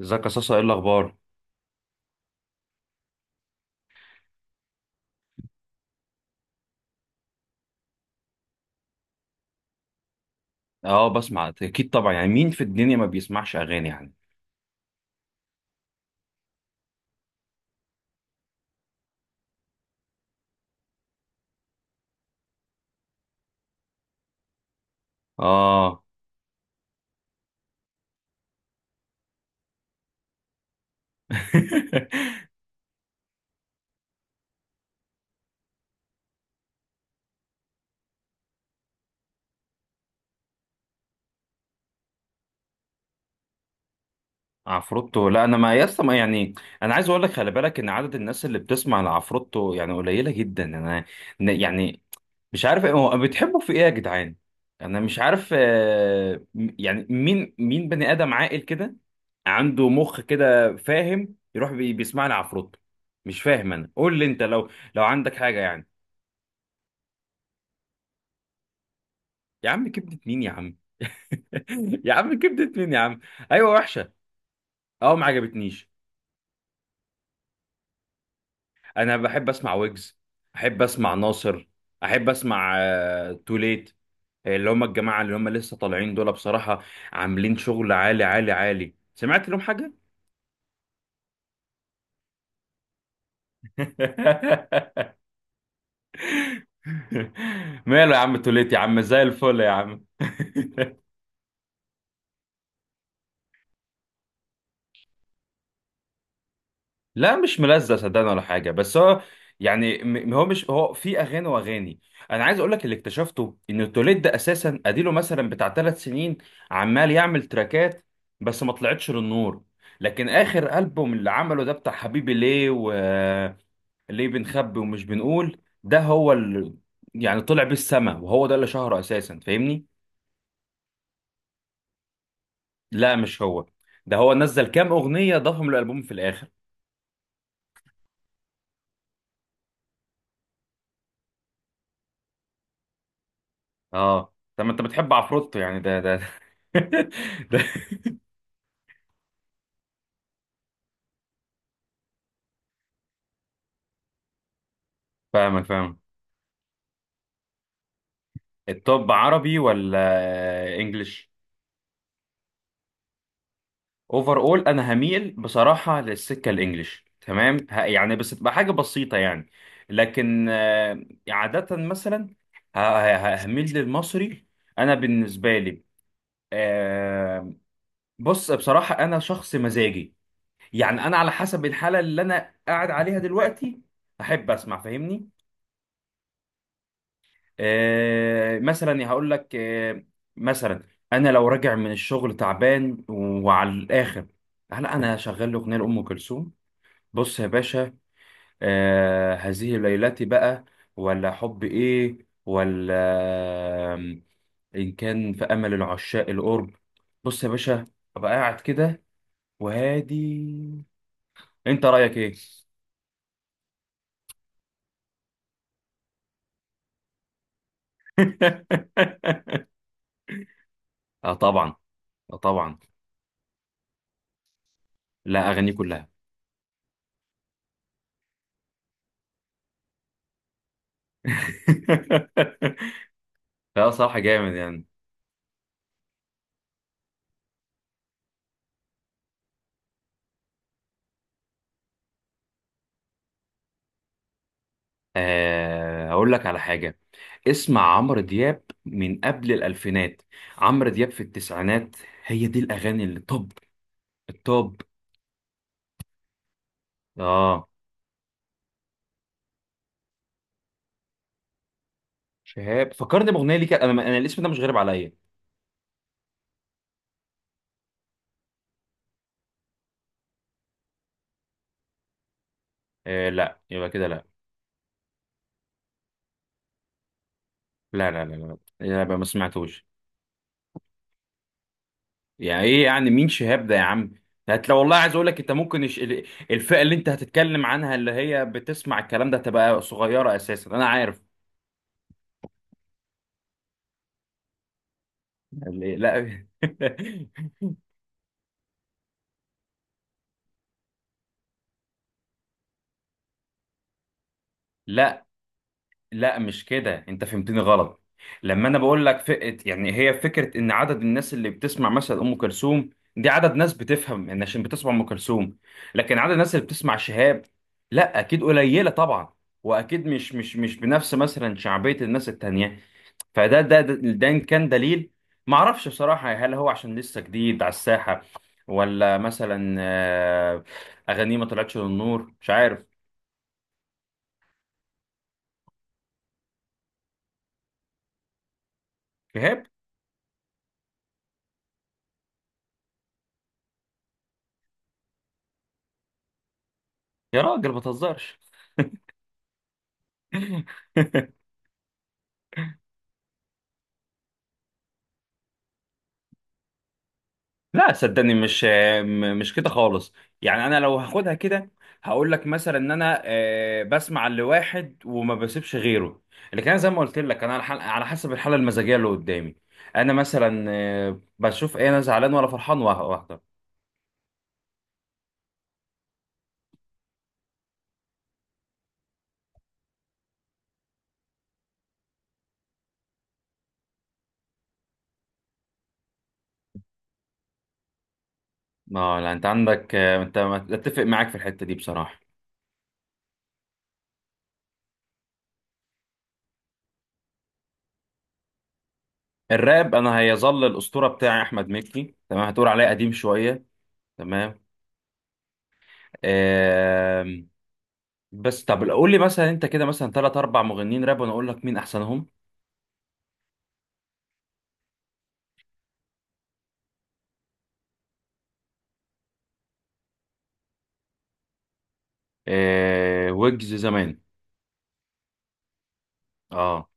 ازيك يا صاصا؟ ايه الاخبار؟ اه، بسمع اكيد طبعا. يعني مين في الدنيا ما بيسمعش اغاني يعني؟ اه. عفروتو؟ لا، انا ما يسطا ما يعني. انا عايز اقول لك خلي بالك ان عدد الناس اللي بتسمع لعفروتو يعني قليله جدا. انا يعني مش عارف ايه، هو بتحبوا في ايه يا جدعان؟ انا مش عارف، يعني مين مين بني ادم عاقل كده عنده مخ كده فاهم يروح بيسمع لعفروتو؟ مش فاهم. انا قول لي انت، لو عندك حاجه يعني. يا عم كبدة مين يا عم. يا عم كبدة مين يا عم. ايوه، وحشة. اه، ما عجبتنيش. انا بحب اسمع ويجز، احب اسمع ناصر، احب اسمع توليت، اللي هم الجماعة اللي هم لسه طالعين دول، بصراحة عاملين شغل عالي عالي عالي. سمعت لهم حاجة؟ ماله يا عم توليت يا عم، زي الفل يا عم. لا، مش ملزق صدقني ولا حاجه، بس هو يعني هو مش، هو في اغاني واغاني. انا عايز اقول لك اللي اكتشفته ان التوليد ده اساسا اديله مثلا بتاع 3 سنين عمال يعمل تراكات، بس ما طلعتش للنور. لكن اخر البوم اللي عمله ده بتاع حبيبي ليه وليه بنخبي ومش بنقول، ده هو اللي يعني طلع بيه السما، وهو ده اللي شهره اساسا، فاهمني؟ لا، مش هو. ده هو نزل كام اغنيه ضافهم للالبوم في الاخر. اه. طب ما انت بتحب عفروتو يعني؟ ده ده- فاهمك، فاهم. الطب عربي ولا انجليش؟ اوفر اول. انا هميل بصراحه للسكه الانجليش، تمام؟ يعني بس تبقى حاجه بسيطه يعني. لكن عاده مثلا هميل للمصري. انا بالنسبه لي، آه، بص بصراحه انا شخص مزاجي، يعني انا على حسب الحاله اللي انا قاعد عليها دلوقتي، احب اسمع، فاهمني؟ مثلا يعني هقول لك، مثلا انا لو راجع من الشغل تعبان وعلى الاخر، هلا انا شغال لي اغنيه لام كلثوم. بص يا باشا، هذه ليلتي بقى، ولا حب ايه، ولا آم، ان كان في امل العشاق القرب. بص يا باشا، ابقى قاعد كده وهادي. انت رايك ايه؟ اه طبعا. اه طبعا، لا اغاني كلها. لا، صراحه جامد يعني. هقول لك على حاجة. اسمع عمرو دياب من قبل الألفينات، عمرو دياب في التسعينات. هي دي الأغاني اللي طب الطب. اه. شهاب فكرني بأغنية ليك أنا. أنا الاسم ده مش غريب عليا. آه، لا، يبقى كده لا. لا لا لا لا لا يبقى ما سمعتوش. يعني إيه؟ يعني مين شهاب ده يا عم؟ لو والله عايز أقول لك أنت ممكن الفئة اللي أنت هتتكلم عنها اللي هي بتسمع الكلام ده تبقى صغيرة أساسا، أنا عارف. لا. لا لا مش كده، انت فهمتني غلط. لما انا بقول لك فئة، يعني هي فكرة ان عدد الناس اللي بتسمع مثلا ام كلثوم دي عدد ناس بتفهم، ان عشان بتسمع ام كلثوم. لكن عدد الناس اللي بتسمع شهاب لا اكيد قليلة طبعا، واكيد مش بنفس مثلا شعبية الناس التانية. فده ده إن كان دليل، ما اعرفش بصراحة، هل هو عشان لسه جديد على الساحة، ولا مثلا اغانيه ما طلعتش للنور؟ مش عارف. شهاب؟ يا راجل ما تهزرش. لا صدقني، مش كده خالص. يعني انا لو هاخدها كده هقول لك مثلا ان انا بسمع لواحد وما بسيبش غيره. لكن انا زي ما قلت لك، انا على على حسب الحاله المزاجيه اللي قدامي. انا مثلا بشوف ايه، انا زعلان ولا فرحان واحده. اه، لا انت عندك، انت اتفق معاك في الحته دي بصراحه. الراب، انا هيظل الاسطوره بتاعي احمد مكي، تمام؟ هتقول عليه قديم شويه. تمام. آم، بس طب قول لي مثلا انت كده مثلا ثلاث اربع مغنيين راب وانا اقول لك مين احسنهم. آه، ويجز زمان. اه.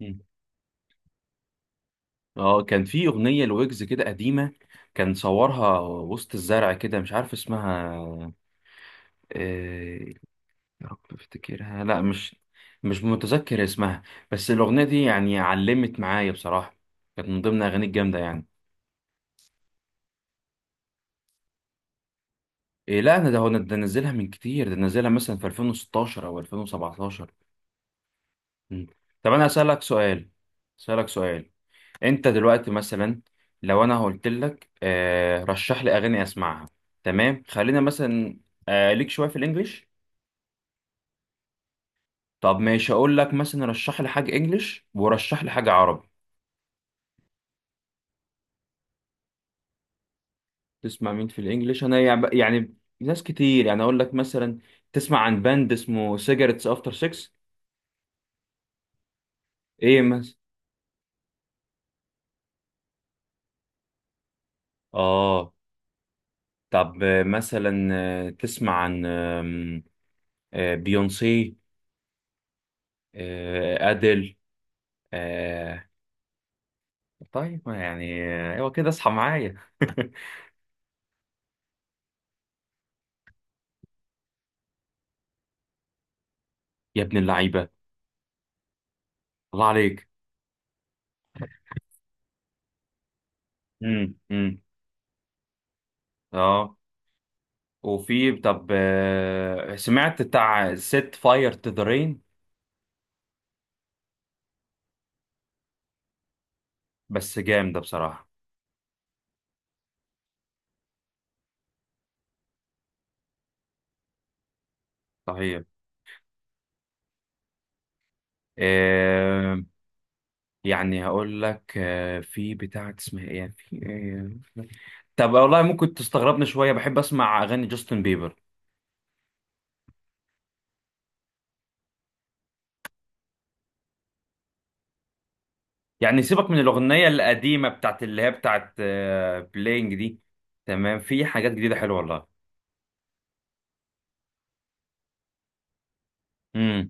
مم. اه، كان في اغنيه لويجز كده قديمه، كان صورها وسط الزرع كده، مش عارف اسمها. آه يا رب افتكرها. لا مش، مش متذكر اسمها. بس الاغنيه دي يعني علمت معايا بصراحه، كانت من ضمن اغاني الجامده يعني. إيه؟ لا انا ده هو، أنا ده نزلها من كتير، ده نزلها مثلا في 2016 او 2017. مم. طب انا اسالك سؤال، اسالك سؤال. انت دلوقتي مثلا، لو انا قلت لك رشح لي اغاني اسمعها، تمام؟ خلينا مثلا ليك شويه في الانجليش. طب ماشي، اقول لك مثلا رشح لي حاجه انجليش ورشح لي حاجه عربي. تسمع مين في الانجليش؟ انا يعني ناس كتير، يعني اقول لك مثلا: تسمع عن باند اسمه سيجارتس افتر 6؟ ايه مثلا؟ اه. طب مثلا تسمع عن بيونسي، ادل؟ طيب، ما يعني. ايوه كده، اصحى معايا. يا ابن اللعيبه. الله عليك. امم. اه. وفي طب سمعت بتاع ست فاير تو ذا رين. بس جامد ده بصراحه. صحيح. آه يعني هقول لك في بتاع اسمها ايه يعني، في آه طب والله ممكن تستغربني شويه، بحب اسمع اغاني جاستن بيبر. يعني سيبك من الاغنيه القديمه بتاعت اللي هي بتاعت بلينج دي، تمام؟ في حاجات جديده حلوه. والله.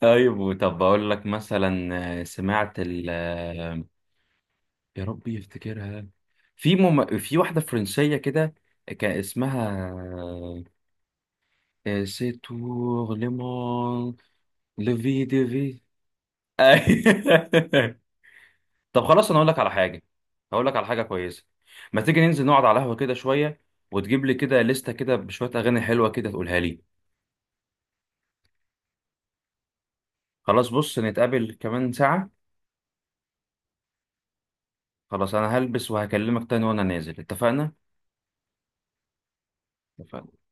طيب بقول لك مثلا سمعت ال آه، يا ربي يفتكرها. في واحدة فرنسية كده كان اسمها سي تور ليمون لفي دي في. أي- طب خلاص، انا اقول لك على حاجة. هقول لك على حاجة كويسة. ما تيجي ننزل نقعد على القهوة كده شوية، وتجيب لي كده لستة كده بشوية أغاني حلوة كده تقولها لي. خلاص، بص نتقابل كمان ساعة. خلاص، أنا هلبس وهكلمك تاني وأنا نازل، اتفقنا؟ اتفقنا.